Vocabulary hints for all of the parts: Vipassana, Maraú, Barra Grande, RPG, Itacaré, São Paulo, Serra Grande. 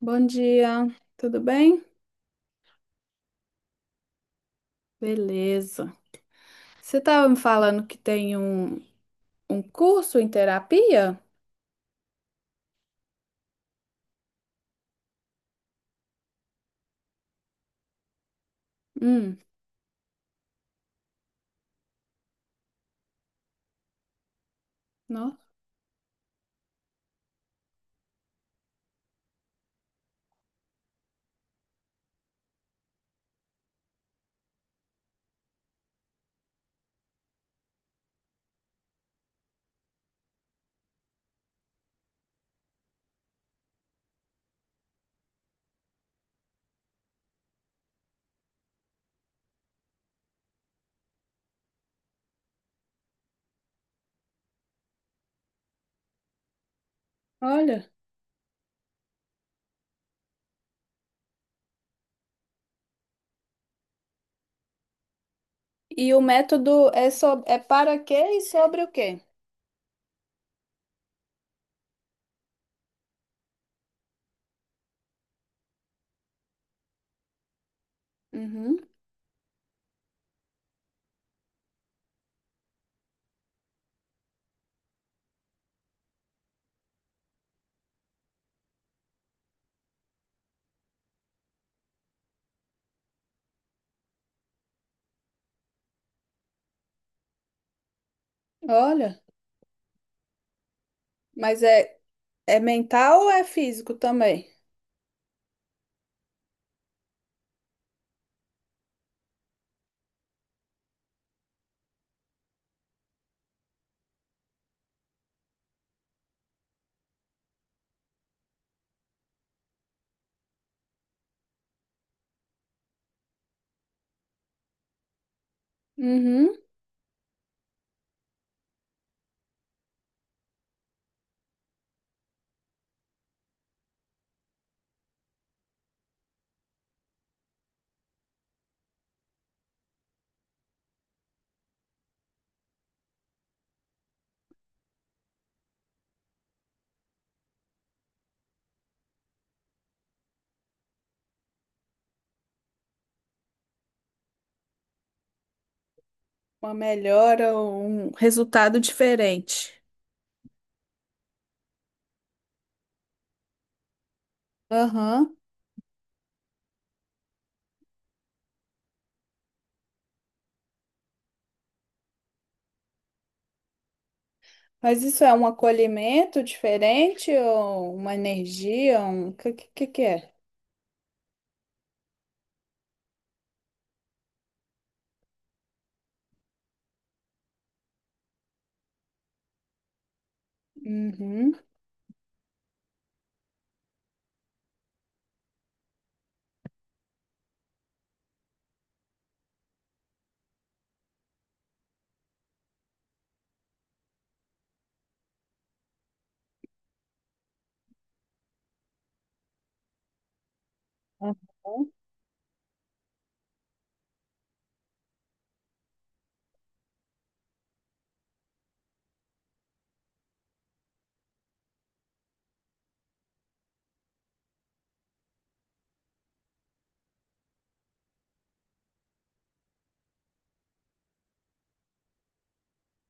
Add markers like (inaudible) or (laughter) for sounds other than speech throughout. Bom dia, tudo bem? Beleza. Você estava me falando que tem um curso em terapia? Hum, nossa, olha. E o método é para quê e sobre o quê? Uhum, olha. Mas é mental ou é físico também? Uhum, uma melhora ou um resultado diferente. Aham. Mas isso é um acolhimento diferente ou uma energia? O que é? Uhum. Aham.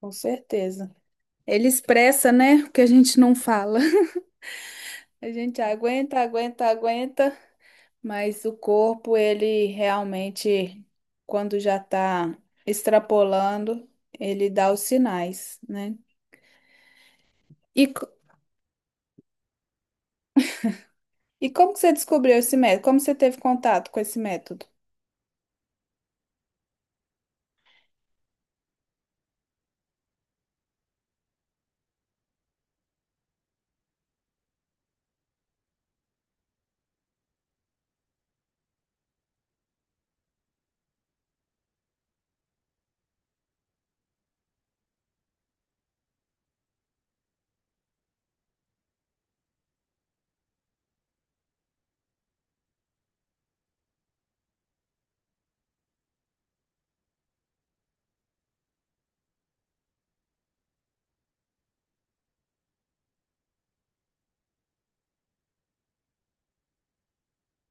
Com certeza. Ele expressa, né, o que a gente não fala. (laughs) A gente aguenta, aguenta, aguenta, mas o corpo, ele realmente, quando já tá extrapolando, ele dá os sinais, né? E, co- e como que você descobriu esse método? Como você teve contato com esse método?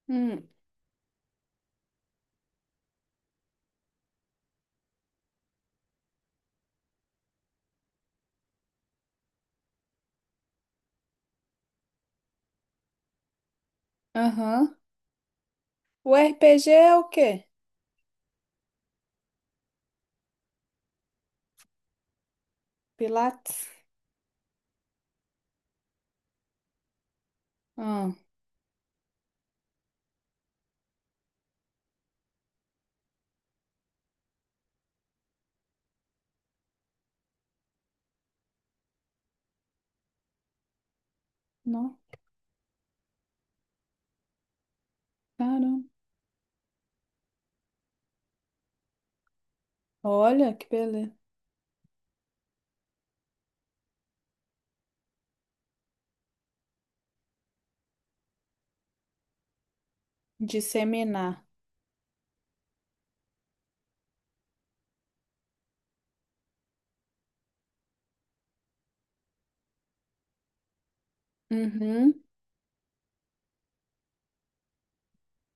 Hum, aham. O RPG é o quê? Pilates? Ah, não, caramba. Olha que beleza. Disseminar. Uhum.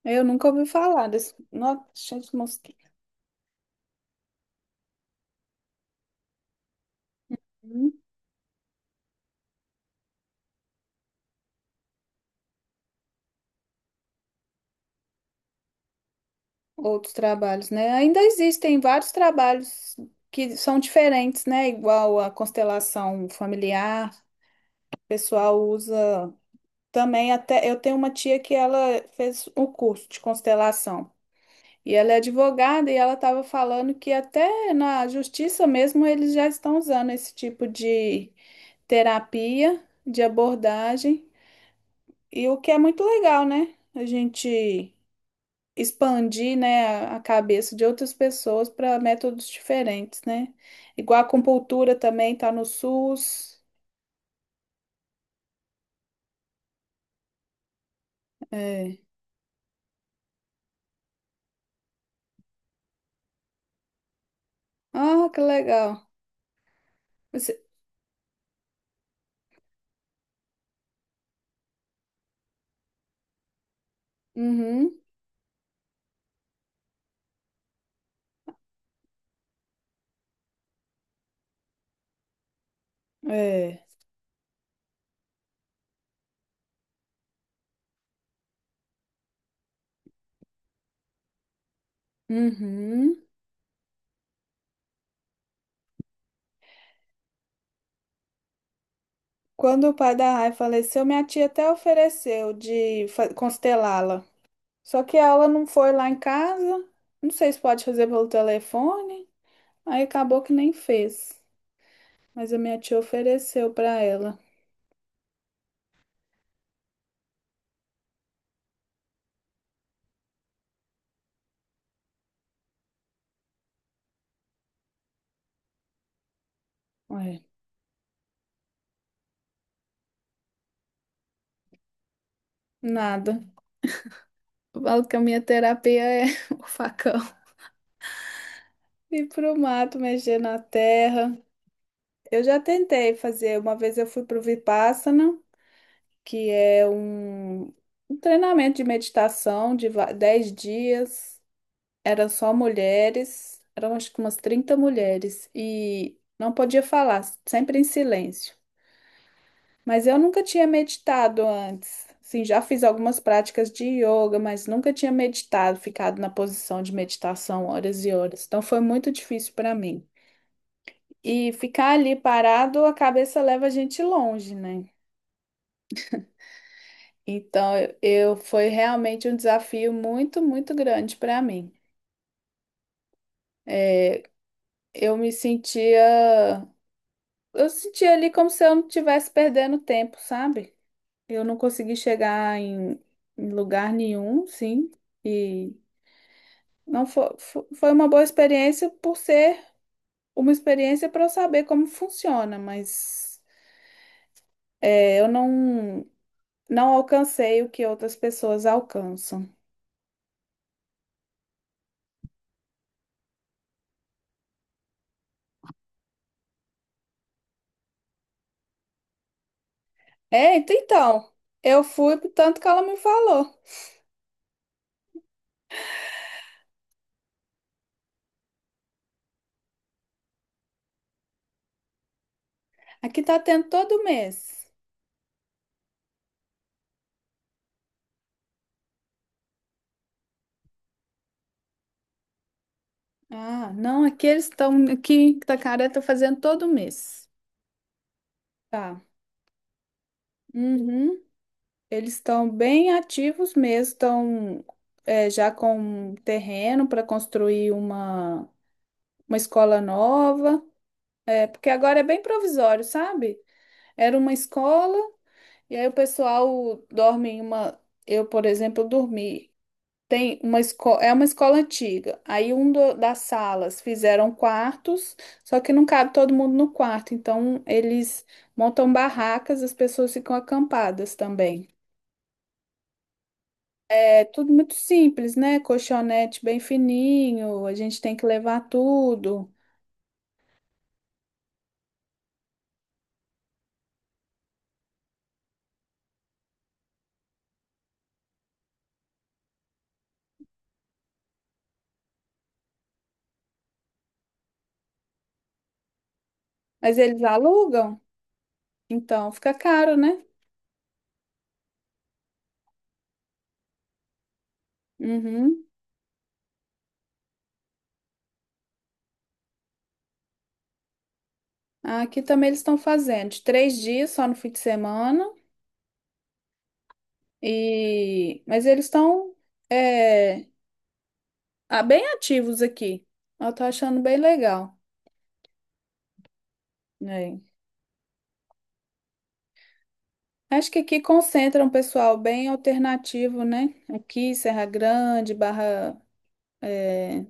Eu nunca ouvi falar desse. Nossa, cheio de mosquito. Hum. Outros trabalhos, né? Ainda existem vários trabalhos que são diferentes, né? Igual a constelação familiar, o pessoal usa também até. Eu tenho uma tia que ela fez o curso de constelação. E ela é advogada e ela estava falando que até na justiça mesmo eles já estão usando esse tipo de terapia, de abordagem, e o que é muito legal, né? A gente expandir, né, a cabeça de outras pessoas para métodos diferentes, né? Igual a acupuntura também tá no SUS. É. Ah, que legal. Você... Uhum. É. Uhum. Quando o pai da Rai faleceu, minha tia até ofereceu de constelá-la. Só que ela não foi lá em casa. Não sei se pode fazer pelo telefone. Aí acabou que nem fez. Mas a minha tia ofereceu para ela. Ué, nada. Eu falo que a minha terapia é (laughs) o facão. Ir pro mato, mexer na terra. Eu já tentei fazer. Uma vez eu fui pro Vipassana, que é um treinamento de meditação de 10 dias. Eram só mulheres, eram acho que umas 30 mulheres. E não podia falar, sempre em silêncio. Mas eu nunca tinha meditado antes. Sim, já fiz algumas práticas de yoga, mas nunca tinha meditado, ficado na posição de meditação horas e horas. Então foi muito difícil para mim. E ficar ali parado, a cabeça leva a gente longe, né? Então eu foi realmente um desafio muito, muito grande para mim. É, eu me sentia, eu sentia ali como se eu não estivesse perdendo tempo, sabe? Eu não consegui chegar em lugar nenhum, sim. E não foi, foi uma boa experiência por ser uma experiência para eu saber como funciona, mas é, eu não, não alcancei o que outras pessoas alcançam. É, então, eu fui pro tanto que ela me falou. Aqui tá tendo todo mês. Ah, não, aqui eles estão, aqui Itacaré tá fazendo todo mês. Tá. Uhum. Eles estão bem ativos mesmo, estão é, já com terreno para construir uma escola nova. É, porque agora é bem provisório, sabe? Era uma escola, e aí o pessoal dorme em uma. Eu, por exemplo, dormi. Tem uma escola, é uma escola antiga. Aí das salas fizeram quartos, só que não cabe todo mundo no quarto. Então eles montam barracas, as pessoas ficam acampadas também. É tudo muito simples, né? Colchonete bem fininho, a gente tem que levar tudo. Mas eles alugam, então fica caro, né? Uhum. Aqui também eles estão fazendo de 3 dias só no fim de semana e mas eles estão é, ah, bem ativos aqui. Eu tô achando bem legal, né? Acho que aqui concentra um pessoal bem alternativo, né? Aqui Serra Grande, é,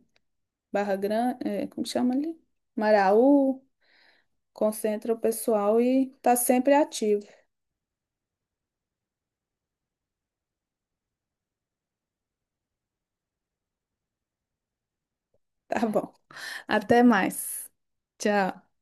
Barra Grande, é, como chama ali? Maraú, concentra o pessoal e tá sempre ativo. (laughs) Tá bom. Até mais. Tchau.